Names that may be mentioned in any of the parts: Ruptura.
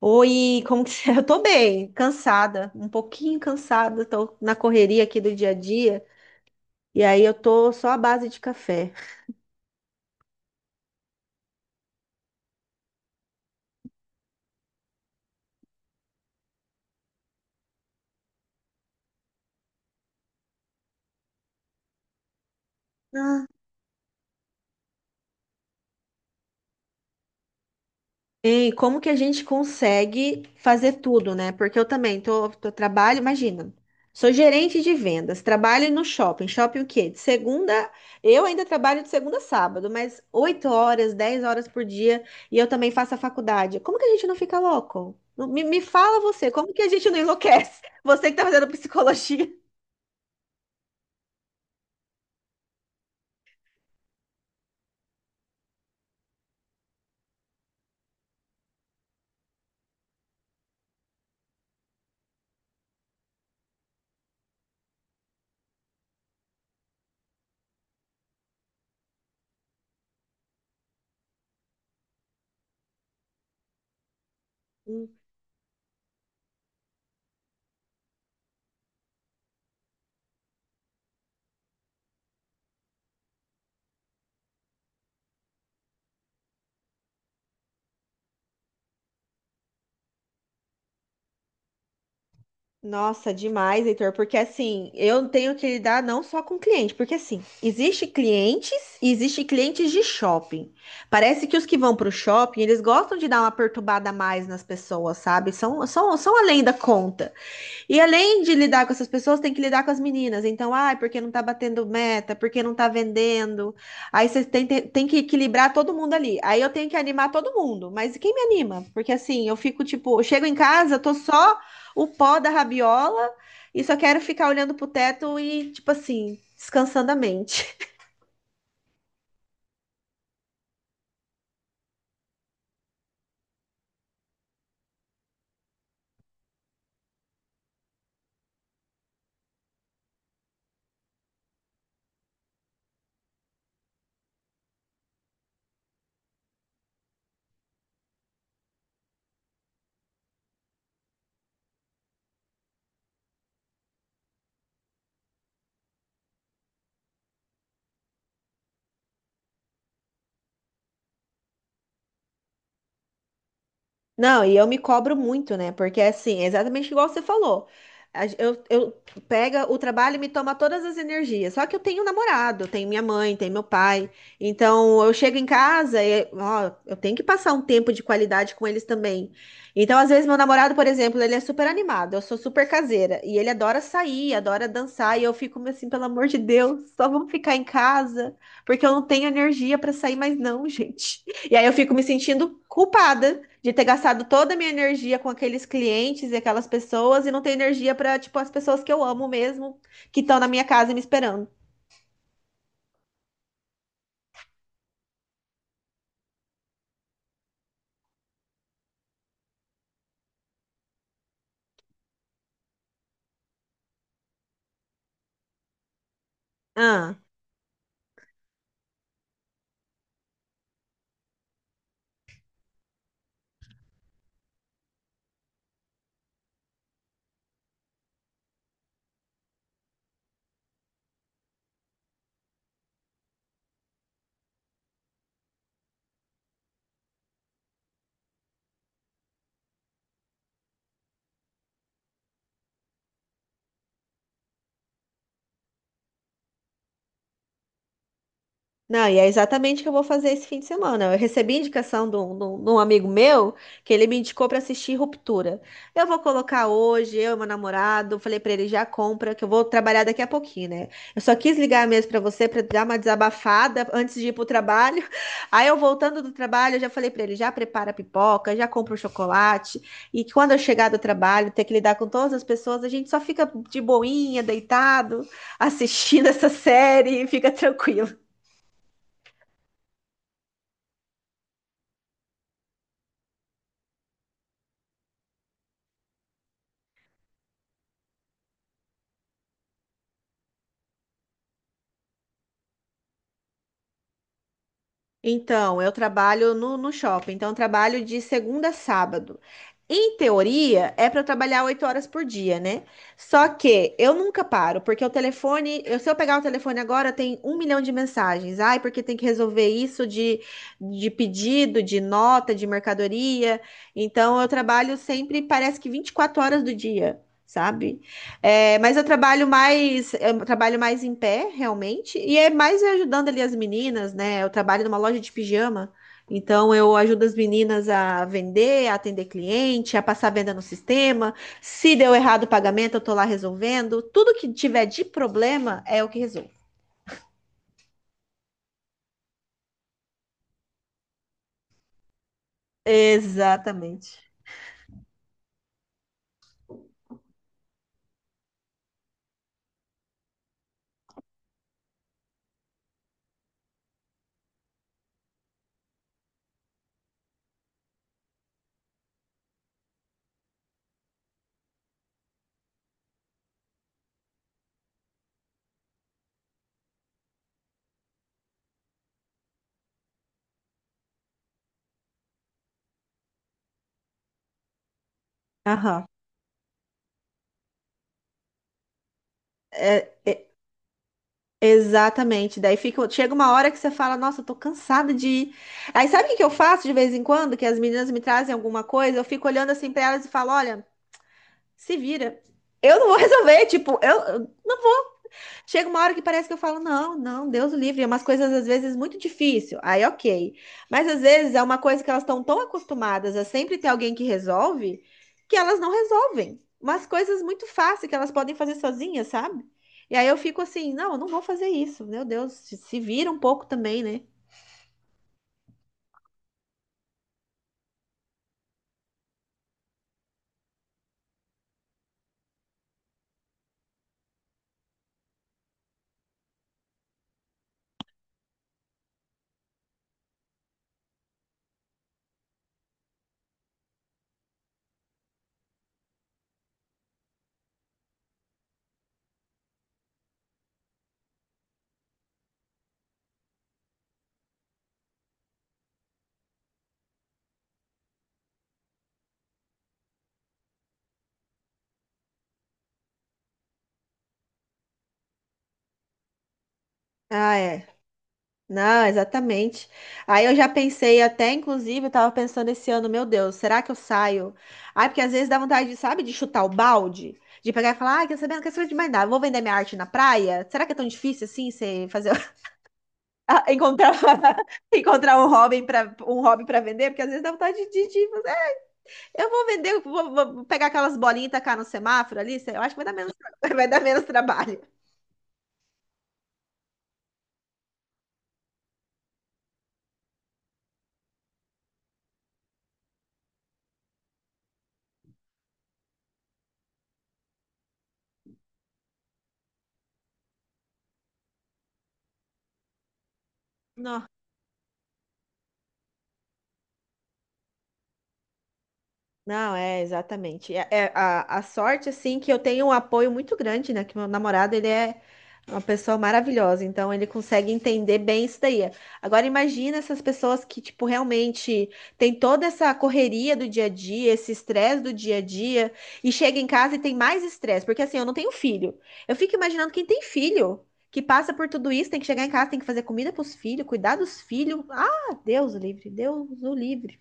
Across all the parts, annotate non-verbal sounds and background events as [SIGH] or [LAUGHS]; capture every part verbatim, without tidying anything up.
Oi, como que você... [LAUGHS] Eu tô bem, cansada, um pouquinho cansada, tô na correria aqui do dia a dia, e aí eu tô só à base de café. Ah. Hein, como que a gente consegue fazer tudo, né? Porque eu também tô, tô trabalho, imagina, sou gerente de vendas, trabalho no shopping. Shopping o quê? De segunda, eu ainda trabalho de segunda a sábado, mas oito horas, dez horas por dia, e eu também faço a faculdade. Como que a gente não fica louco? Me, me fala você, como que a gente não enlouquece? [LAUGHS] Você que tá fazendo psicologia. Nossa, demais, Heitor, porque assim, eu tenho que lidar não só com cliente, porque assim, existe clientes e existe clientes de shopping. Parece que os que vão para o shopping, eles gostam de dar uma perturbada a mais nas pessoas, sabe? São, são, são além da conta. E além de lidar com essas pessoas, tem que lidar com as meninas. Então, ah, porque não tá batendo meta, porque não tá vendendo. Aí você tem, tem, tem que equilibrar todo mundo ali. Aí eu tenho que animar todo mundo. Mas quem me anima? Porque assim, eu fico tipo, eu chego em casa, eu tô só o pó da rabiola e só quero ficar olhando pro teto e, tipo assim, descansando a mente. Não, e eu me cobro muito, né? Porque assim, é exatamente igual você falou. A gen- Eu, eu pega o trabalho e me toma todas as energias. Só que eu tenho um namorado, tenho minha mãe, tenho meu pai. Então eu chego em casa e ó, eu tenho que passar um tempo de qualidade com eles também. Então, às vezes, meu namorado, por exemplo, ele é super animado, eu sou super caseira. E ele adora sair, adora dançar. E eu fico assim, pelo amor de Deus, só vamos ficar em casa, porque eu não tenho energia para sair mais, não, [LAUGHS] gente. E aí eu fico me sentindo culpada de ter gastado toda a minha energia com aqueles clientes e aquelas pessoas e não ter energia para, tipo, as pessoas que eu amo mesmo, que estão na minha casa me esperando. Ah. Não, e é exatamente o que eu vou fazer esse fim de semana. Eu recebi indicação de um, de um- de um amigo meu que ele me indicou para assistir Ruptura. Eu vou colocar hoje, eu e meu namorado, falei para ele já compra, que eu vou trabalhar daqui a pouquinho, né? Eu só quis ligar mesmo para você para dar uma desabafada antes de ir pro trabalho. [LAUGHS] Aí eu voltando do trabalho, eu já falei para ele, já prepara a pipoca, já compra o chocolate, e que quando eu chegar do trabalho, ter que lidar com todas as pessoas, a gente só fica de boinha, deitado, assistindo [LAUGHS] essa série e fica tranquilo. Então, eu trabalho no, no shopping, então eu trabalho de segunda a sábado. Em teoria, é para eu trabalhar oito horas por dia, né? Só que eu nunca paro, porque o telefone, eu- se eu pegar o telefone agora, tem um milhão de mensagens. Ai, porque tem que resolver isso de, de pedido, de nota, de mercadoria. Então, eu trabalho sempre, parece que vinte e quatro horas do dia, sabe? É, mas eu trabalho mais, eu trabalho mais em pé, realmente, e é mais eu ajudando ali as meninas, né? Eu trabalho numa loja de pijama, então eu ajudo as meninas a vender, a atender cliente, a passar venda no sistema. Se deu errado o pagamento, eu tô lá resolvendo. Tudo que tiver de problema é o que resolvo. Exatamente. Aham. É. Exatamente. Daí fica, chega uma hora que você fala, nossa, eu tô cansada de ir. Aí sabe o que que eu faço de vez em quando? Que as meninas me trazem alguma coisa, eu fico olhando assim pra elas e falo, olha, se vira. Eu não vou [LAUGHS] resolver, tipo, eu eu não. Chega uma hora que parece que eu falo, não, não, Deus o livre, é umas coisas às vezes muito difícil. Aí, ok. Mas às vezes é uma coisa que elas estão tão acostumadas a sempre ter alguém que resolve, que elas não resolvem. Umas coisas muito fáceis que elas podem fazer sozinhas, sabe? E aí eu fico assim, não, eu não vou fazer isso. Meu Deus, se se vira um pouco também, né? Ah, é. Não, exatamente. Aí eu já pensei até, inclusive, eu tava pensando esse ano, meu Deus, será que eu saio? Ai, porque às vezes dá vontade, de, sabe, de chutar o balde, de pegar e falar, ai, quer saber, não quer saber de mais nada, vou vender minha arte na praia? Será que é tão difícil assim, você fazer, [LAUGHS] ah, encontrar, [LAUGHS] encontrar um hobby para um hobby para vender? Porque às vezes dá vontade de, de, de fazer, "É, eu vou vender, eu vou, vou pegar aquelas bolinhas e tacar no semáforo ali, sei- eu acho que vai dar menos, tra- [LAUGHS] vai dar menos trabalho." Não. Não, é exatamente. É, é a, a sorte, assim, que eu tenho um apoio muito grande, né? Que meu namorado, ele é uma pessoa maravilhosa, então ele consegue entender bem isso daí. Agora, imagina essas pessoas que, tipo, realmente tem toda essa correria do dia a dia, esse estresse do dia a dia, e chega em casa e tem mais estresse, porque assim, eu não tenho filho. Eu fico imaginando quem tem filho, que passa por tudo isso, tem que chegar em casa, tem que fazer comida para os filhos, cuidar dos filhos. Ah, Deus o livre, Deus o livre.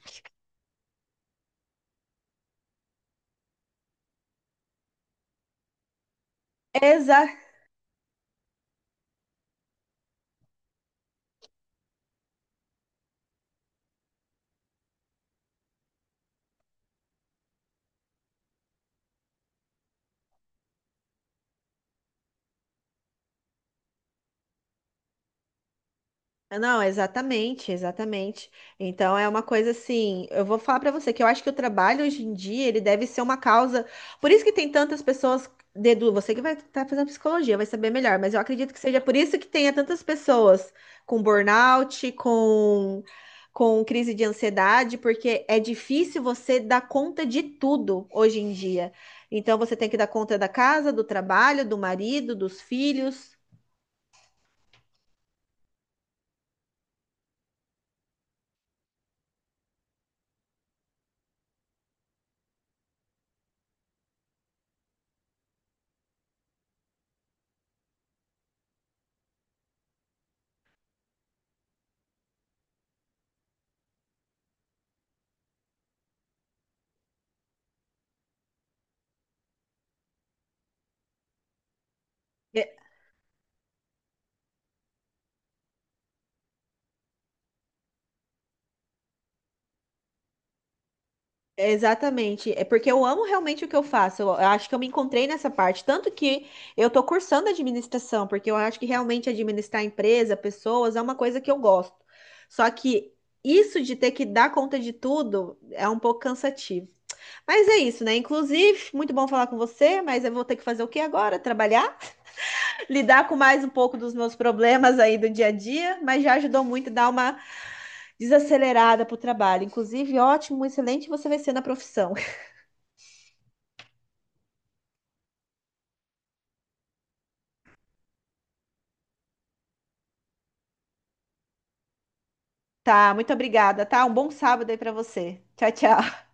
Não, exatamente, exatamente. Então é uma coisa assim, eu vou falar pra você que eu acho que o trabalho hoje em dia, ele deve ser uma causa. Por isso que tem tantas pessoas dedu, você que vai estar fazendo psicologia, vai saber melhor, mas eu acredito que seja por isso que tenha tantas pessoas com burnout, com com crise de ansiedade, porque é difícil você dar conta de tudo hoje em dia. Então você tem que dar conta da casa, do trabalho, do marido, dos filhos. Exatamente, é porque eu amo realmente o que eu faço. Eu eu acho que eu me encontrei nessa parte, tanto que eu tô cursando administração, porque eu acho que realmente administrar empresa, pessoas, é uma coisa que eu gosto. Só que isso de ter que dar conta de tudo é um pouco cansativo. Mas é isso, né? Inclusive, muito bom falar com você, mas eu vou ter que fazer o que agora? Trabalhar, [LAUGHS] lidar com mais um pouco dos meus problemas aí do dia a dia, mas já ajudou muito a dar uma desacelerada pro trabalho. Inclusive, ótimo, excelente você vai ser na profissão. Tá, muito obrigada, tá? Um bom sábado aí pra você. Tchau, tchau.